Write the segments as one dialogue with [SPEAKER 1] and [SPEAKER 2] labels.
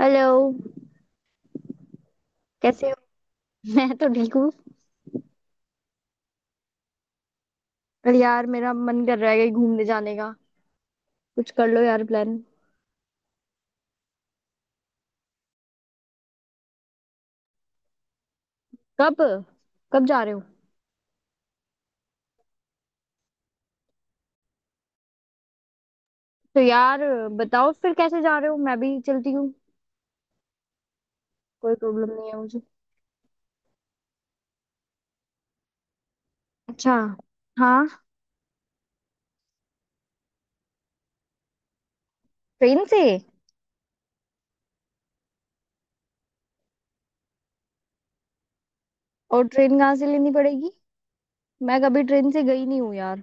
[SPEAKER 1] Hello. कैसे हो? मैं तो ठीक हूँ। पर यार मेरा मन कर रहा है कहीं घूमने जाने का, कुछ कर लो यार प्लान। कब? कब जा रहे हो? तो यार बताओ फिर कैसे जा रहे हो, मैं भी चलती हूँ। कोई प्रॉब्लम नहीं है मुझे। अच्छा। हाँ। ट्रेन से? और ट्रेन कहाँ से लेनी पड़ेगी? मैं कभी ट्रेन से गई नहीं हूँ यार।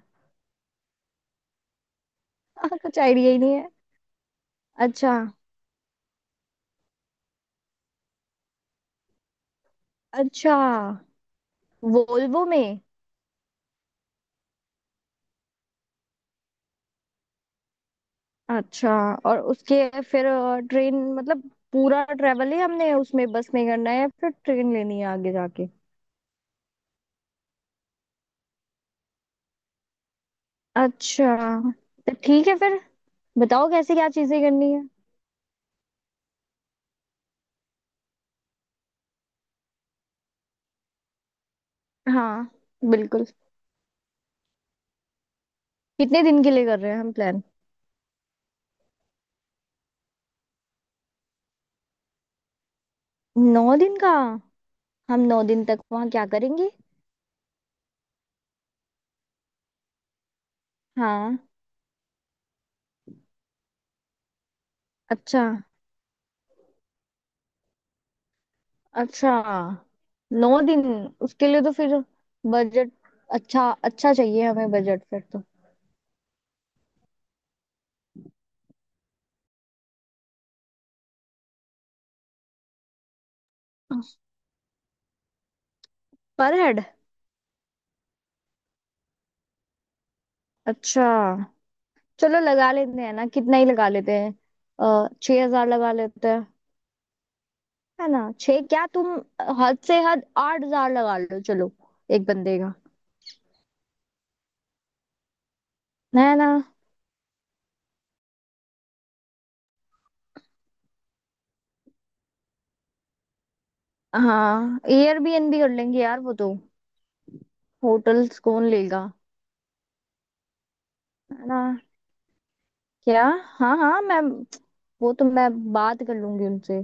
[SPEAKER 1] कुछ आइडिया ही नहीं है। अच्छा। अच्छा। वोल्वो में? अच्छा। और उसके फिर ट्रेन मतलब पूरा ट्रेवल ही हमने उसमें बस में करना है या फिर ट्रेन लेनी है आगे जाके? अच्छा। तो ठीक है फिर। बताओ कैसे क्या चीजें करनी है। हाँ बिल्कुल। कितने दिन के लिए कर रहे हैं हम प्लान? 9 दिन का? हम 9 दिन तक वहाँ क्या करेंगे? हाँ। अच्छा। अच्छा। 9 दिन। उसके लिए तो फिर बजट अच्छा अच्छा चाहिए हमें, बजट फिर तो। पर हेड। अच्छा। चलो लगा लेते हैं ना, कितना ही लगा लेते हैं। अः 6,000 लगा लेते हैं। है ना? छह? क्या तुम। हद से हद 8,000 लगा लो चलो, एक बंदे का। है ना? हाँ एयरबीएनबी कर लेंगे यार वो तो। होटल्स कौन लेगा? है ना? क्या? हाँ हाँ मैं, वो तो मैं बात कर लूंगी उनसे।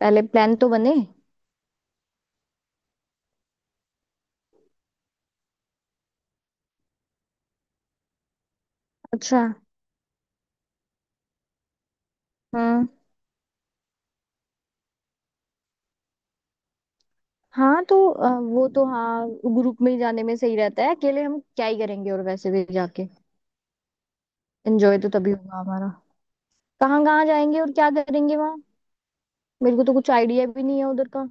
[SPEAKER 1] पहले प्लान तो बने। अच्छा। हम्म। हाँ तो वो तो हाँ। ग्रुप में ही जाने में सही रहता है, अकेले हम क्या ही करेंगे, और वैसे भी जाके एंजॉय तो तभी होगा हमारा। कहाँ कहाँ जाएंगे और क्या करेंगे वहाँ? मेरे को तो कुछ आइडिया भी नहीं है उधर का।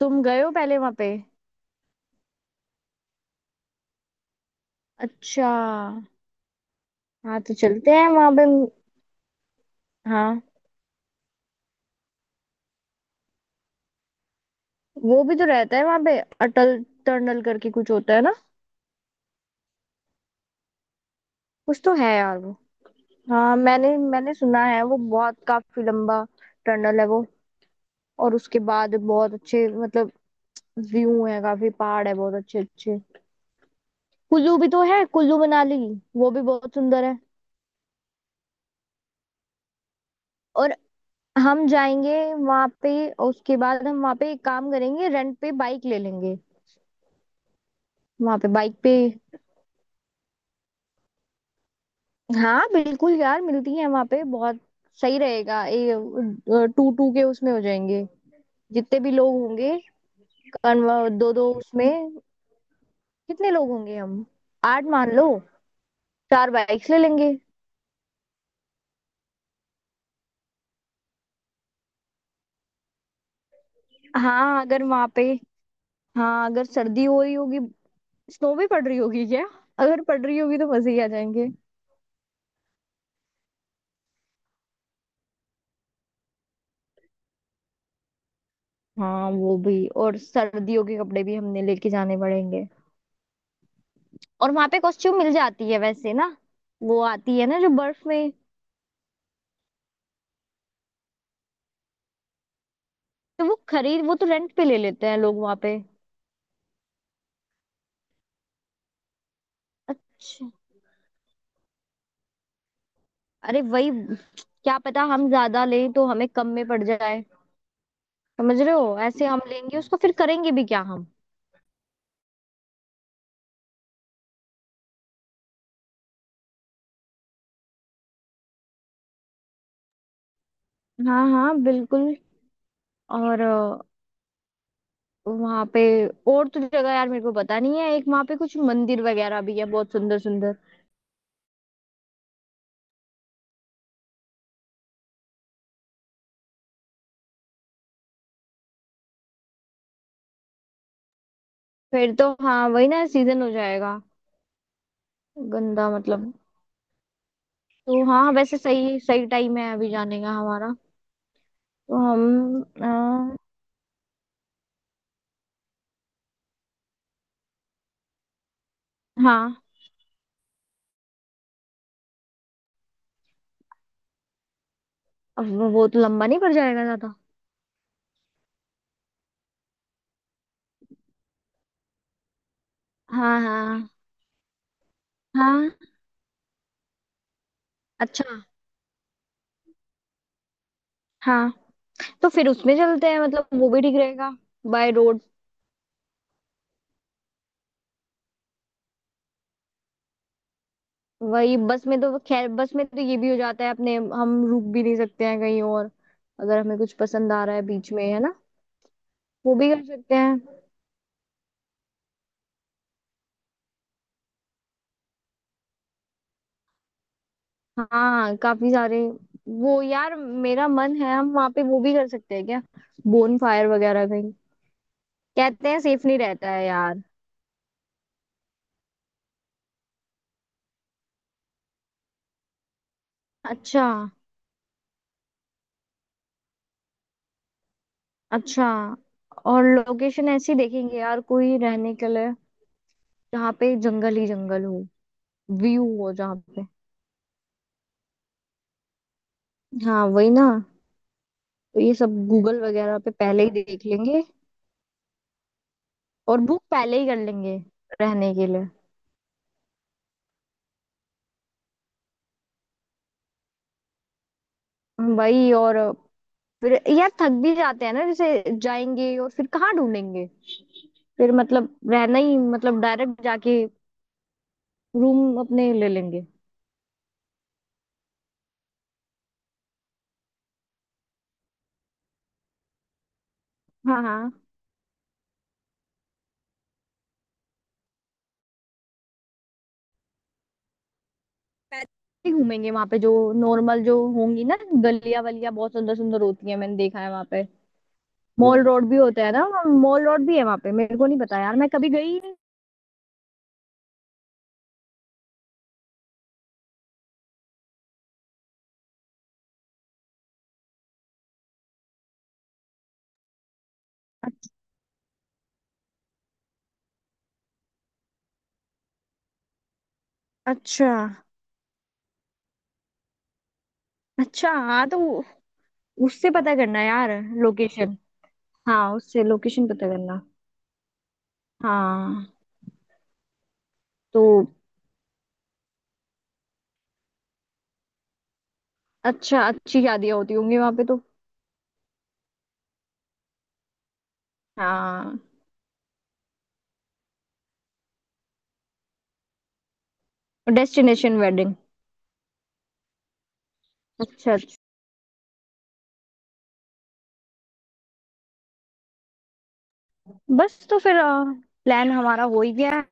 [SPEAKER 1] तुम गए हो पहले वहां पे? अच्छा। हाँ तो चलते हैं वहां पे। हाँ वो भी तो रहता है वहां पे, अटल टनल करके कुछ होता है ना? कुछ तो है यार वो, हाँ मैंने मैंने सुना है, वो बहुत काफी लंबा टनल है वो। और उसके बाद बहुत अच्छे मतलब व्यू है, काफी पहाड़ है बहुत अच्छे अच्छे। कुल्लू भी तो है, कुल्लू मनाली, वो भी बहुत सुंदर है। और हम जाएंगे वहां पे। उसके बाद हम वहां पे एक काम करेंगे, रेंट पे बाइक ले लेंगे। वहां पे बाइक पे। हाँ बिल्कुल यार, मिलती है वहां पे बहुत। सही रहेगा ये। टू टू के उसमें हो जाएंगे, जितने भी लोग होंगे। कन्व दो दो उसमें। कितने लोग होंगे हम, आठ मान लो। चार बाइक्स ले लेंगे। हाँ अगर वहां पे, हाँ अगर सर्दी हो रही होगी, स्नो भी पड़ रही होगी क्या? अगर पड़ रही होगी तो मजे ही आ जाएंगे। हाँ वो भी, और सर्दियों के कपड़े भी हमने लेके जाने पड़ेंगे। और वहां पे कॉस्ट्यूम मिल जाती है वैसे ना? वो आती है ना जो बर्फ में। तो वो खरीद, वो तो रेंट पे ले लेते हैं लोग वहां पे। अच्छा। अरे वही, क्या पता हम ज्यादा लें तो हमें कम में पड़ जाए, समझ रहे हो, ऐसे हम लेंगे उसको फिर करेंगे भी क्या हम। हाँ हाँ बिल्कुल। और वहां पे और तो जगह यार मेरे को पता नहीं है, एक वहां पे कुछ मंदिर वगैरह भी है बहुत सुंदर सुंदर। फिर तो हाँ वही ना, सीजन हो जाएगा, गंदा मतलब। तो हाँ वैसे सही सही टाइम है अभी जाने का हमारा। तो हम हाँ। अब वो तो लंबा नहीं पड़ जाएगा ज्यादा? हाँ हाँ हाँ। अच्छा। हाँ तो फिर उसमें चलते हैं, मतलब वो भी ठीक रहेगा। By road. वही, बस में तो खैर बस में तो ये भी हो जाता है अपने, हम रुक भी नहीं सकते हैं कहीं और, अगर हमें कुछ पसंद आ रहा है बीच में है ना, वो भी कर सकते हैं। हाँ काफी सारे। वो यार मेरा मन है, हम वहाँ पे वो भी कर सकते हैं क्या, बोन फायर वगैरह कहीं? कहते हैं सेफ नहीं रहता है यार। अच्छा। अच्छा। और लोकेशन ऐसी देखेंगे यार कोई रहने के लिए, जहाँ पे जंगल ही जंगल हो, व्यू हो जहाँ पे। हाँ वही ना। तो ये सब गूगल वगैरह पे पहले ही देख लेंगे, और बुक पहले ही कर लेंगे रहने के लिए। वही, और फिर यार थक भी जाते हैं ना, जैसे जाएंगे और फिर कहाँ ढूंढेंगे, फिर मतलब रहना ही मतलब डायरेक्ट जाके रूम अपने ले लेंगे। हाँ हाँ। पैदल ही घूमेंगे वहां पे, जो नॉर्मल जो होंगी ना गलियां वलियां बहुत सुंदर सुंदर होती है, मैंने देखा है वहां पे। हम्म। मॉल रोड भी होता है ना, मॉल रोड भी है वहां पे, मेरे को नहीं पता यार मैं कभी गई ही नहीं। अच- अच्छा। अच्छा। हाँ तो उससे पता करना यार लोकेशन। हाँ उससे लोकेशन पता करना। हाँ तो अच्छा, अच्छी शादियां होती होंगी वहां पे तो। हाँ। Destination wedding. अच्छा। अच्छा। बस तो फिर प्लान हमारा हो ही गया है।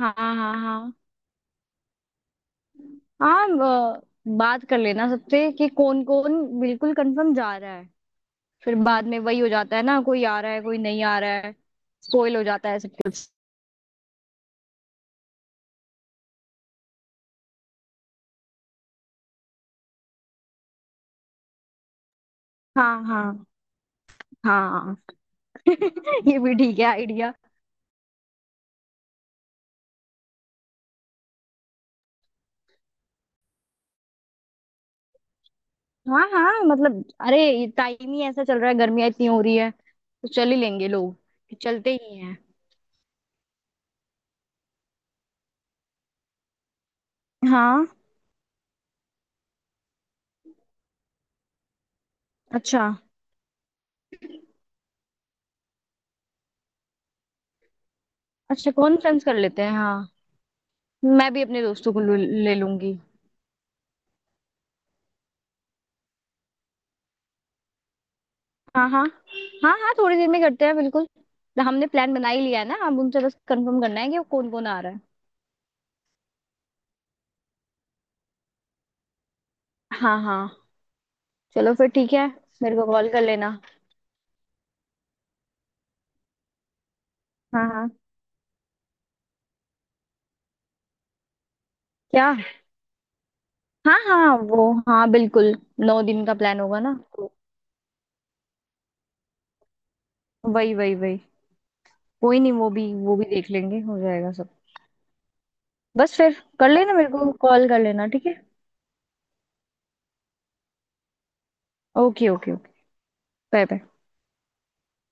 [SPEAKER 1] हाँ हाँ हाँ। हाँ अ, बात कर लेना सबसे कि कौन कौन बिल्कुल कंफर्म जा रहा है। फिर बाद में वही हो जाता है ना, कोई आ रहा है कोई नहीं आ रहा है, स्पॉइल हो जाता है सब कुछ। हाँ हाँ हाँ। ये भी ठीक है आइडिया। हाँ हाँ मतलब अरे टाइम ही ऐसा चल रहा है, गर्मियाँ इतनी हो रही है, तो चल ही लेंगे, लोग चलते ही हैं। हाँ। अच्छा। अच्छा कॉन्फ्रेंस कर लेते हैं हाँ। मैं भी अपने दोस्तों को ले लूंगी। हाँ हाँ। हाँ हाँ थोड़ी देर में करते हैं बिल्कुल। हमने प्लान बना ही लिया है ना, अब उनसे बस कंफर्म करना है कि कौन कौन आ रहा है। हाँ हाँ। चलो फिर ठीक है, मेरे को कॉल कर लेना। हाँ हाँ। क्या? हाँ हाँ वो हाँ बिल्कुल। 9 दिन का प्लान होगा ना तो। वही वही वही। कोई नहीं, वो भी वो भी देख लेंगे, हो जाएगा सब। बस फिर कर लेना मेरे को कॉल कर लेना ठीक है। Okay okay okay. Bye bye.